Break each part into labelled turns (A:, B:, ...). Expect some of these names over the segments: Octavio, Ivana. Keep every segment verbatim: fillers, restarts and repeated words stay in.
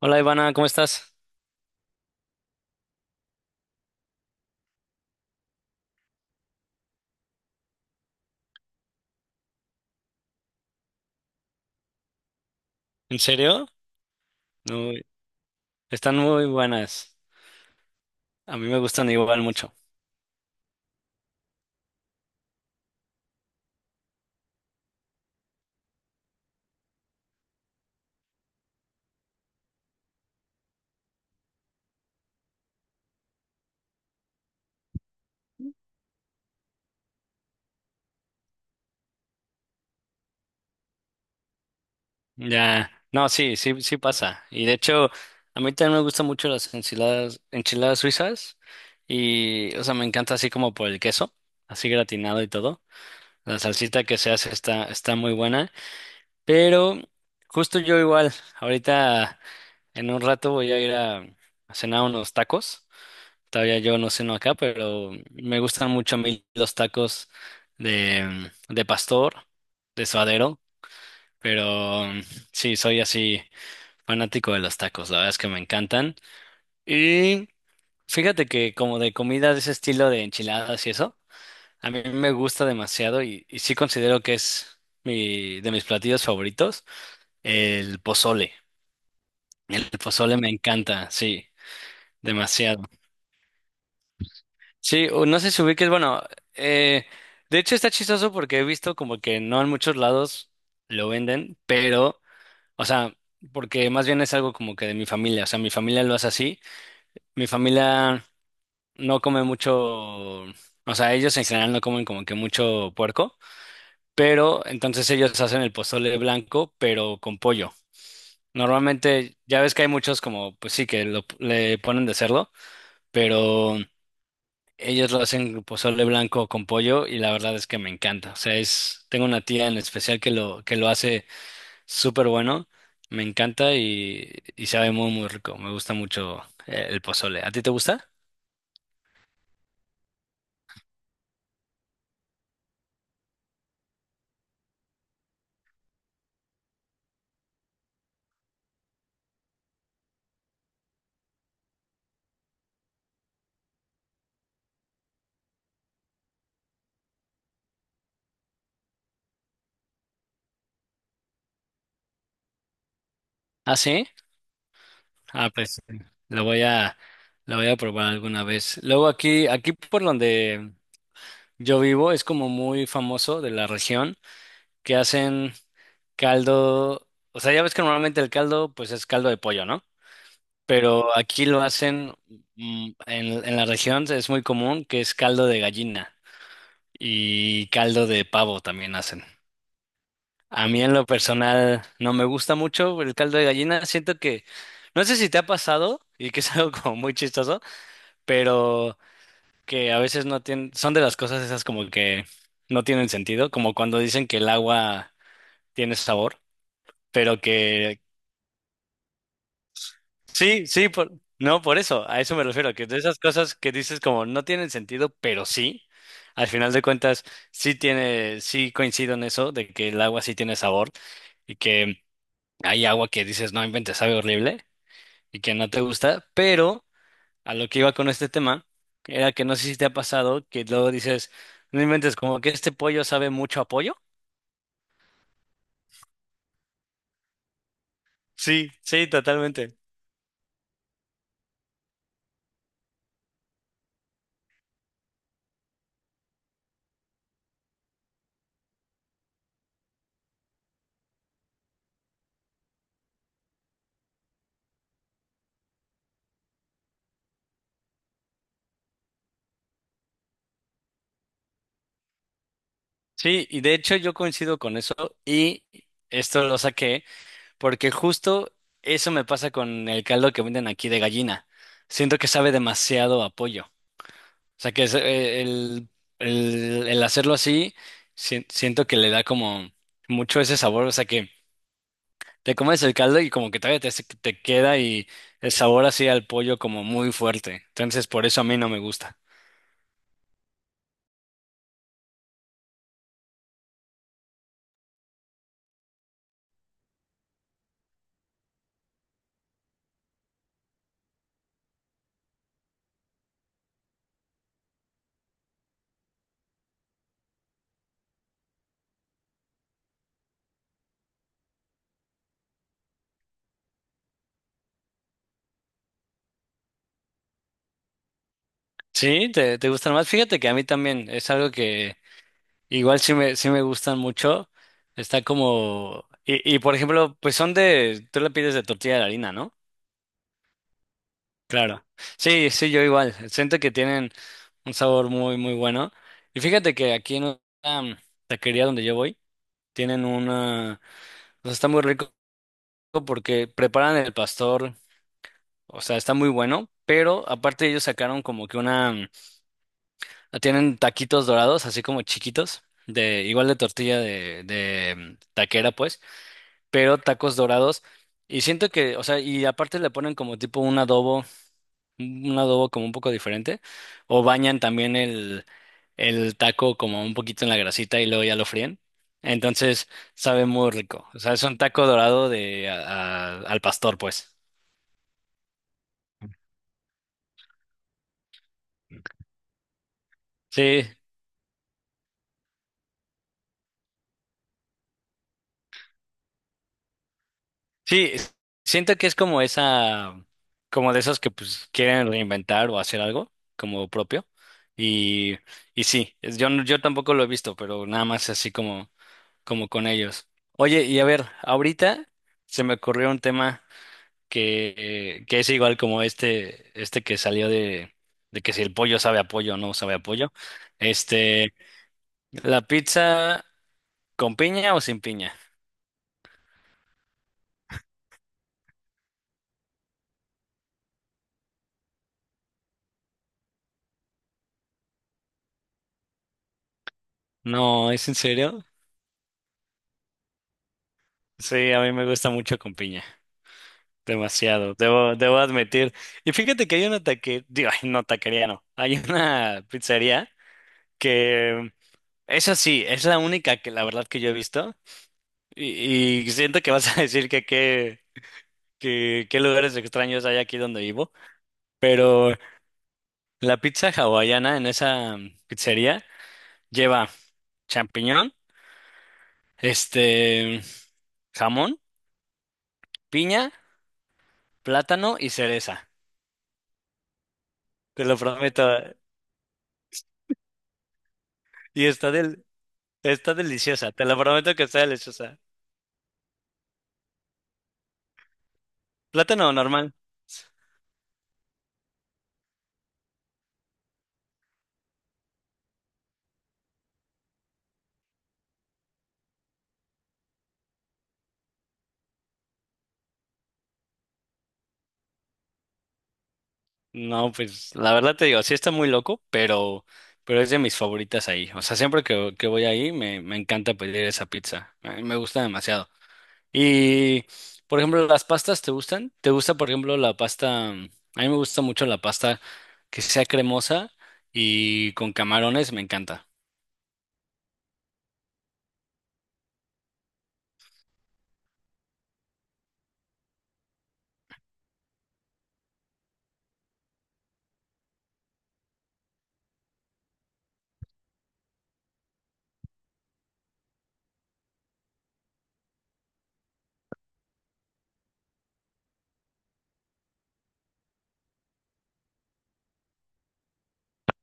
A: Hola Ivana, ¿cómo estás? ¿En serio? No, están muy buenas. A mí me gustan igual mucho. Ya, no, sí, sí, sí pasa. Y de hecho, a mí también me gustan mucho las enchiladas, enchiladas suizas. Y, o sea, me encanta así como por el queso, así gratinado y todo. La salsita que se hace está, está muy buena. Pero justo yo igual, ahorita en un rato voy a ir a, a cenar unos tacos. Todavía yo no ceno acá, pero me gustan mucho a mí los tacos de, de pastor, de suadero, pero mm, sí, soy así fanático de los tacos, la verdad es que me encantan. Y fíjate que como de comida de ese estilo de enchiladas y eso, a mí me gusta demasiado y, y sí considero que es mi, de mis platillos favoritos, el pozole. El pozole me encanta, sí, demasiado. Sí, o no sé si ubiques, bueno, eh, de hecho está chistoso porque he visto como que no en muchos lados lo venden, pero, o sea, porque más bien es algo como que de mi familia, o sea, mi familia lo hace así, mi familia no come mucho, o sea, ellos en general no comen como que mucho puerco, pero entonces ellos hacen el pozole blanco, pero con pollo. Normalmente, ya ves que hay muchos como, pues sí, que lo, le ponen de cerdo, pero... Ellos lo hacen con pozole blanco con pollo y la verdad es que me encanta. O sea, es, tengo una tía en especial que lo, que lo hace súper bueno. Me encanta y, y sabe muy, muy rico. Me gusta mucho eh, el pozole. ¿A ti te gusta? ¿Ah, sí? Ah, pues lo voy a, lo voy a probar alguna vez. Luego aquí, aquí por donde yo vivo es como muy famoso de la región que hacen caldo. O sea, ya ves que normalmente el caldo pues es caldo de pollo, ¿no? Pero aquí lo hacen, mm, en, en la región es muy común que es caldo de gallina y caldo de pavo también hacen. A mí en lo personal no me gusta mucho el caldo de gallina, siento que, no sé si te ha pasado y que es algo como muy chistoso, pero que a veces no tienen, son de las cosas esas como que no tienen sentido, como cuando dicen que el agua tiene sabor, pero que sí, sí, por- no, por eso, a eso me refiero, que de esas cosas que dices como no tienen sentido, pero sí, al final de cuentas, sí tiene, sí coincido en eso, de que el agua sí tiene sabor y que hay agua que dices, no inventes, sabe horrible y que no te gusta, pero a lo que iba con este tema era que no sé si te ha pasado que luego dices, no inventes, como que este pollo sabe mucho a pollo. Sí, sí, totalmente. Sí, y de hecho yo coincido con eso y esto lo saqué, porque justo eso me pasa con el caldo que venden aquí de gallina. Siento que sabe demasiado a pollo. O sea, que es, eh, el, el- el hacerlo así, si- siento que le da como mucho ese sabor. O sea, que te comes el caldo y como que todavía te, te queda y el sabor así al pollo como muy fuerte. Entonces, por eso a mí no me gusta. Sí, te, te gustan más. Fíjate que a mí también es algo. Igual sí me, sí me gustan mucho. Está como... Y, y por ejemplo, pues son de... Tú la pides de tortilla de harina, ¿no? Claro. Sí, sí, yo igual. Siento que tienen un sabor muy, muy bueno. Y fíjate que aquí en la taquería donde yo voy, tienen una... O sea, está muy rico porque preparan el pastor. O sea, está muy bueno. Pero aparte ellos sacaron como que una... Tienen taquitos dorados, así como chiquitos. De, igual de tortilla de, de taquera, pues, pero tacos dorados. Y siento que, o sea, y aparte le ponen como tipo un adobo, un adobo como un poco diferente, o bañan también el, el taco como un poquito en la grasita y luego ya lo fríen. Entonces sabe muy rico. O sea, es un taco dorado de a- a- al pastor, pues. Sí, sí, siento que es como esa, como de esos que pues quieren reinventar o hacer algo como propio. Y, y sí, es- yo, no- yo tampoco lo he visto, pero nada más así como como con ellos. Oye, y a ver, ahorita se me ocurrió un tema que, eh, que es igual como este, este que salió de, de que si el pollo sabe a pollo o no sabe a pollo. Este, ¿la pizza con piña o sin piña? No, ¿es en serio? Sí, a mí me gusta mucho con piña. Demasiado, debo, debo admitir. Y fíjate que hay una taquería, digo, ay, no, taquería no. Hay una pizzería que, esa sí, es la única que la verdad que yo he visto. Y, y siento que vas a decir que qué que, qué lugares extraños hay aquí donde vivo, pero la pizza hawaiana en esa pizzería lleva champiñón, este, jamón, piña, plátano y cereza. Te lo prometo. Y está del, está deliciosa, te lo prometo que está deliciosa. Plátano normal. No, pues la verdad te digo, sí está muy loco, pero, pero es de mis favoritas ahí. O sea, siempre que, que voy ahí me, me encanta pedir esa pizza. Eh, Me gusta demasiado. Y, por ejemplo, ¿las pastas te gustan? ¿Te gusta, por ejemplo, la pasta? A mí me gusta mucho la pasta que sea cremosa y con camarones, me encanta.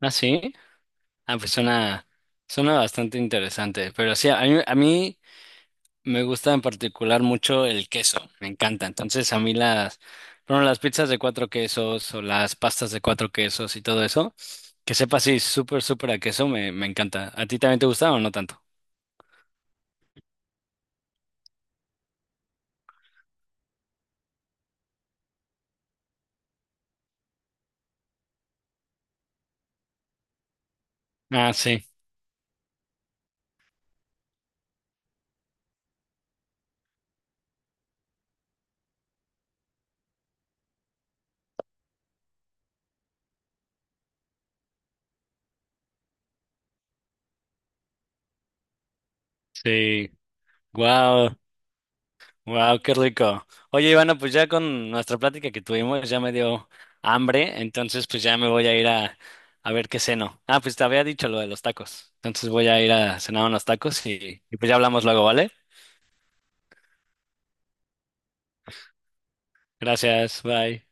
A: ¿Ah, sí? Ah, pues suena, suena bastante interesante. Pero sí, a mí, a mí me gusta en particular mucho el queso, me encanta. Entonces a mí las, bueno, las pizzas de cuatro quesos o las pastas de cuatro quesos y todo eso, que sepa así súper, súper a queso, me, me encanta. ¿A ti también te gusta o no tanto? Ah, sí, sí. Wow, wow, qué rico. Oye, Ivana, pues ya con nuestra plática que tuvimos ya me dio hambre, entonces pues ya me voy a ir a, a ver qué ceno. Ah, pues te había dicho lo de los tacos. Entonces voy a ir a cenar unos tacos y, y pues ya hablamos luego, ¿vale? Gracias, bye.